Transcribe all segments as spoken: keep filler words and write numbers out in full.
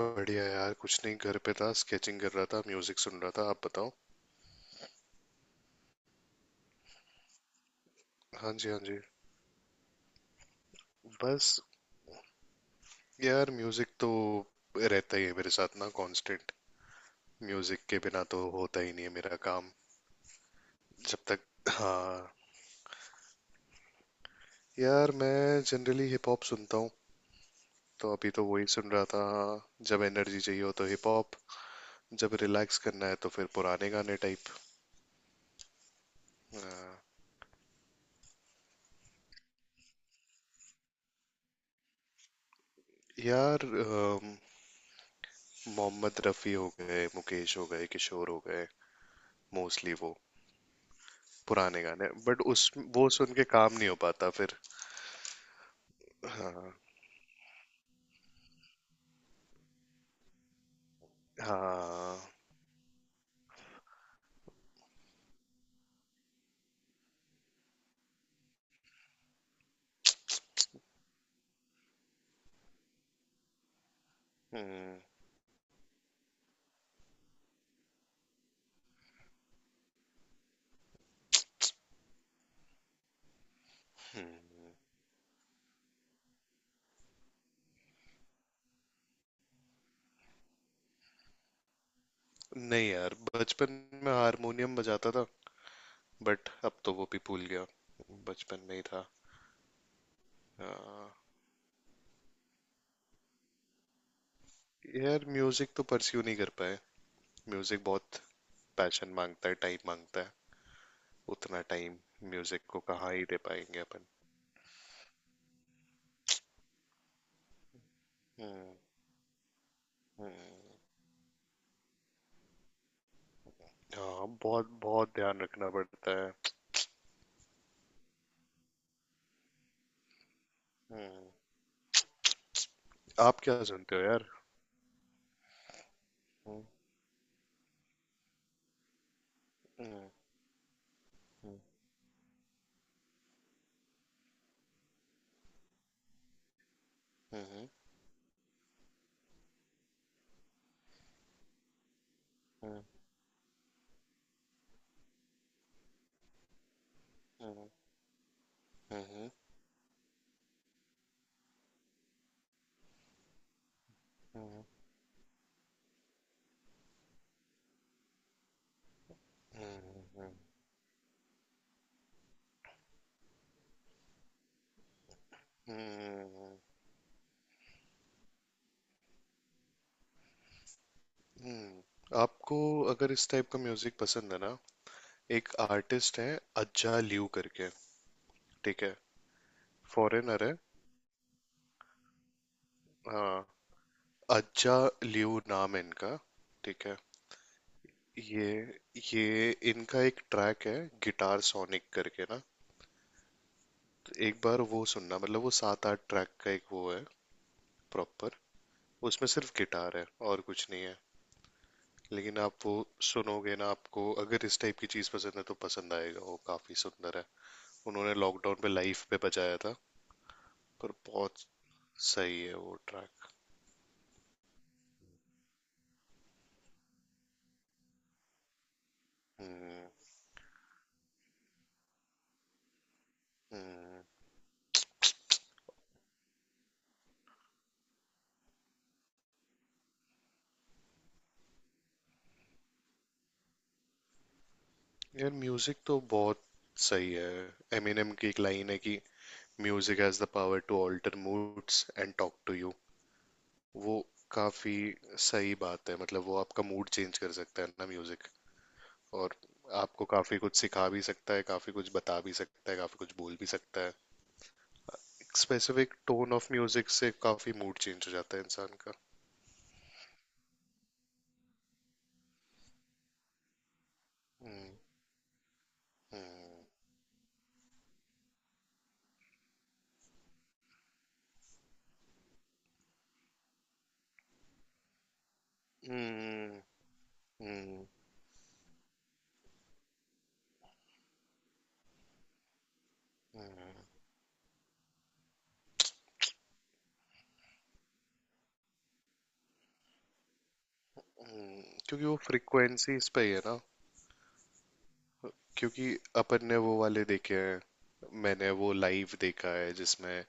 बढ़िया यार। कुछ नहीं, घर पे था, स्केचिंग कर रहा था, म्यूजिक सुन रहा था। आप बताओ। हाँ जी, हाँ जी। बस। यार, म्यूजिक तो रहता ही है मेरे साथ ना, कांस्टेंट। म्यूजिक के बिना तो होता ही नहीं है मेरा काम। जब तक। हाँ। यार, मैं जनरली हिप हॉप सुनता हूँ। तो अभी तो वही सुन रहा था। जब एनर्जी चाहिए हो तो हिप हॉप। जब रिलैक्स करना है तो फिर पुराने गाने टाइप। अ, यार, अम, मोहम्मद रफ़ी हो गए, मुकेश हो गए, किशोर हो गए। मोस्टली वो पुराने गाने। बट उस वो सुन के काम नहीं हो पाता फिर। हाँ। हाँ। हम्म। नहीं यार, बचपन में हारमोनियम बजाता था। बट अब तो वो भी भूल गया। बचपन में ही था। हाँ। यार, म्यूजिक तो परस्यू नहीं कर पाए। म्यूजिक बहुत पैशन मांगता है, टाइम मांगता है। उतना टाइम म्यूजिक को कहाँ ही दे पाएंगे अपन। हम्म। हम्म। हाँ, बहुत बहुत ध्यान रखना पड़ता है। हम्म। आप क्या सुनते हो यार? हम्म। हम्म। हम्म। हम्म। हम्म। हम्म। हम्म। हम्म। हम्म। हम्म। हम्म। हम्म। आपको अगर इस टाइप का म्यूजिक पसंद है ना, एक आर्टिस्ट है, अज्जा लियू करके। ठीक है। फॉरेनर है। हाँ। अज्जा लियू नाम है इनका। ठीक है। ये ये इनका एक ट्रैक है, गिटार सोनिक करके ना। तो एक बार वो सुनना, मतलब वो सात आठ ट्रैक का एक वो है, प्रॉपर। उसमें सिर्फ गिटार है, और कुछ नहीं है। लेकिन आप वो सुनोगे ना, आपको अगर इस टाइप की चीज पसंद है तो पसंद आएगा, वो काफी सुंदर है। उन्होंने लॉकडाउन पे लाइफ पे बजाया था। पर बहुत सही है वो ट्रैक। हम्म। हम्म। यार, म्यूजिक तो बहुत सही है। एमिनेम की एक लाइन है कि music has the power to alter moods and talk to you. वो काफी सही बात है, मतलब वो आपका मूड चेंज कर सकता है ना म्यूजिक। और आपको काफी कुछ सिखा भी सकता है, काफी कुछ बता भी सकता है, काफी कुछ बोल भी सकता है। स्पेसिफिक टोन ऑफ म्यूजिक से काफी मूड चेंज हो जाता है इंसान का। हम्म। हम्म। हम्म। हम्म। हम्म। क्योंकि वो फ्रिक्वेंसीज पे ही है ना। क्योंकि अपन ने वो वाले देखे हैं, मैंने वो लाइव देखा है जिसमें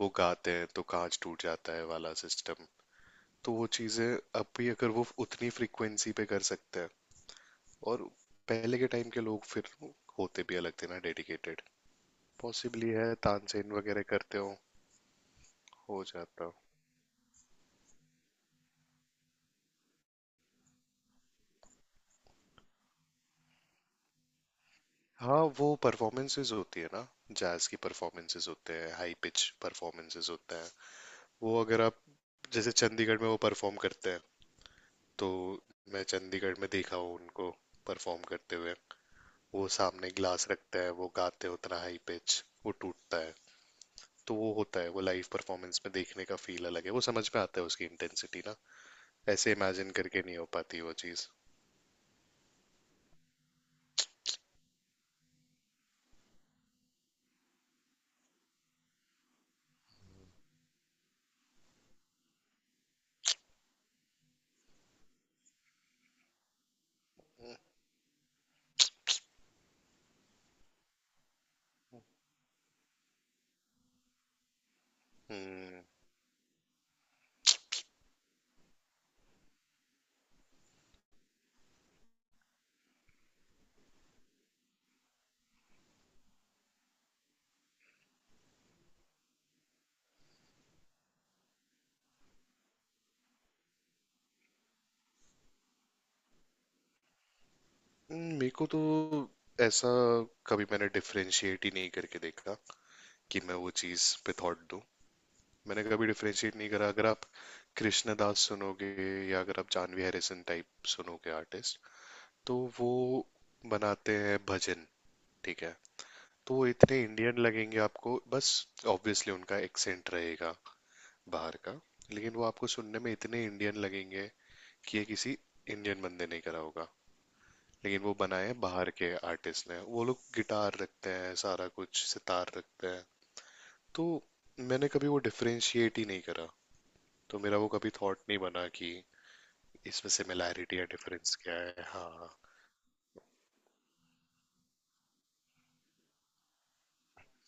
वो गाते हैं तो कांच टूट जाता है वाला सिस्टम। तो वो चीजें अब भी, अगर वो उतनी फ्रिक्वेंसी पे कर सकते हैं, और पहले के टाइम के लोग फिर होते भी अलग थे ना, डेडिकेटेड। पॉसिबली है, तानसेन वगैरह करते हो हो जाता। हाँ, वो परफॉर्मेंसेज होती है ना, जैज की परफॉर्मेंसेज होते हैं, हाई पिच परफॉर्मेंसेज होते हैं। वो अगर आप, जैसे चंडीगढ़ में वो परफॉर्म करते हैं तो, मैं चंडीगढ़ में देखा हूँ उनको परफॉर्म करते हुए। वो सामने ग्लास रखते हैं, वो गाते हैं उतना हाई पिच, वो टूटता है। तो वो होता है, वो लाइव परफॉर्मेंस में देखने का फील अलग है, वो समझ में आता है उसकी इंटेंसिटी ना। ऐसे इमेजिन करके नहीं हो पाती वो चीज़। हम्म। हम्म। मेरे को तो ऐसा कभी मैंने डिफरेंशिएट ही नहीं करके देखा कि मैं वो चीज़ पे थॉट दूं। मैंने कभी डिफरेंशिएट नहीं करा। अगर आप कृष्णदास सुनोगे, या अगर आप जानवी हैरिसन टाइप सुनोगे आर्टिस्ट, तो वो बनाते हैं भजन। ठीक है। तो वो इतने इंडियन लगेंगे आपको, बस ऑब्वियसली उनका एक्सेंट रहेगा बाहर का, लेकिन वो आपको सुनने में इतने इंडियन लगेंगे कि ये किसी इंडियन बंदे ने करा होगा। लेकिन वो बनाए हैं बाहर के आर्टिस्ट ने। वो लोग गिटार रखते हैं, सारा कुछ सितार रखते हैं। तो मैंने कभी वो डिफरेंशिएट ही नहीं करा। तो मेरा वो कभी थॉट नहीं बना कि इसमें सिमिलैरिटी या डिफरेंस क्या है। हाँ।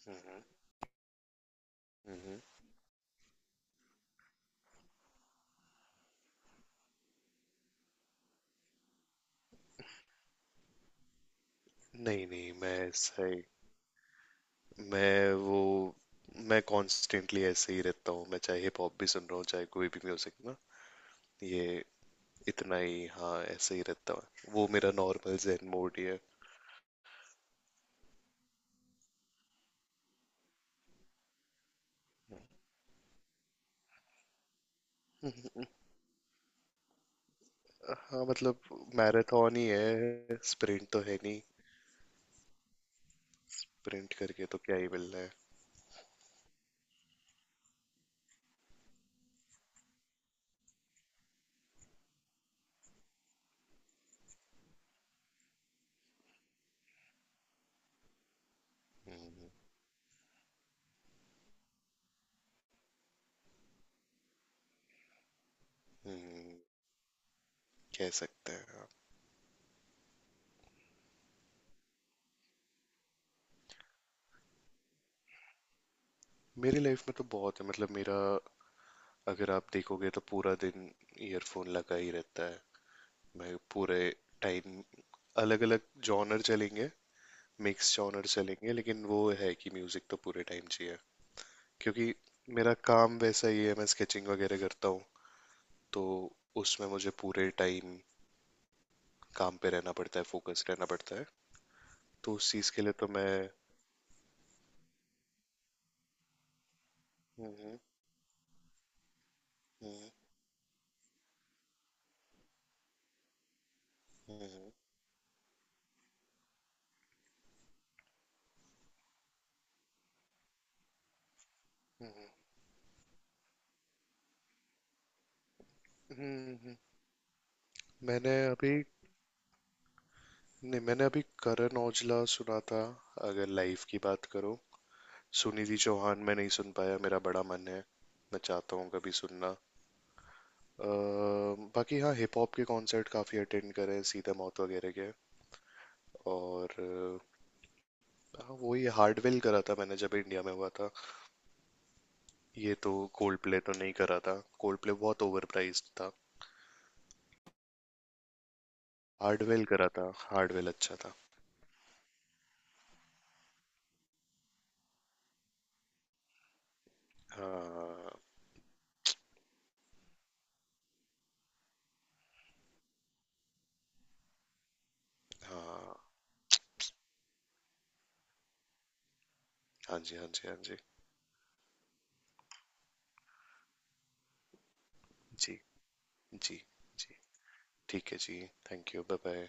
हम्म। हम्म। नहीं नहीं, मैं ऐसा ही। मैं वो, मैं कॉन्स्टेंटली ऐसे ही रहता हूँ। मैं चाहे हिप हॉप भी सुन रहा हूँ, चाहे कोई भी म्यूजिक ना। ये इतना ही। हाँ, ऐसे ही रहता हूँ, वो मेरा नॉर्मल जेन मोड ही है। हाँ मतलब मैराथन ही है, स्प्रिंट तो है नहीं। प्रिंट करके तो क्या ही मिलना है। हम्म। हम्म, कह सकते हैं। मेरी लाइफ में तो बहुत है, मतलब मेरा, अगर आप देखोगे तो पूरा दिन ईयरफोन लगा ही रहता है। मैं पूरे टाइम अलग अलग जॉनर चलेंगे, मिक्स जॉनर चलेंगे, लेकिन वो है कि म्यूजिक तो पूरे टाइम चाहिए। क्योंकि मेरा काम वैसा ही है, मैं स्केचिंग वगैरह करता हूँ। तो उसमें मुझे पूरे टाइम काम पे रहना पड़ता है, फोकस रहना पड़ता है। तो उस चीज के लिए तो मैं। हम्म। हम्म। हम्म। हम्म। हम्म। हम्म। हम्म। मैंने अभी, नहीं मैंने अभी करण औजला सुना था, अगर लाइव की बात करो। सुनिधि चौहान मैं नहीं सुन पाया, मेरा बड़ा मन है, मैं चाहता हूँ कभी सुनना। अ, बाकी हाँ, हिप हॉप के कॉन्सर्ट काफ़ी अटेंड करे, सीधा माउथ वगैरह के। और अ, हाँ वही हार्डवेल करा था मैंने जब इंडिया में हुआ था। ये तो कोल्ड प्ले तो नहीं करा था। कोल्ड प्ले बहुत ओवर प्राइस्ड था। हार्डवेल करा था, हार्डवेल अच्छा था। हाँ। हाँ। हाँ जी, हाँ जी, हाँ जी। जी। जी। जी ठीक है जी। Thank you. Bye bye.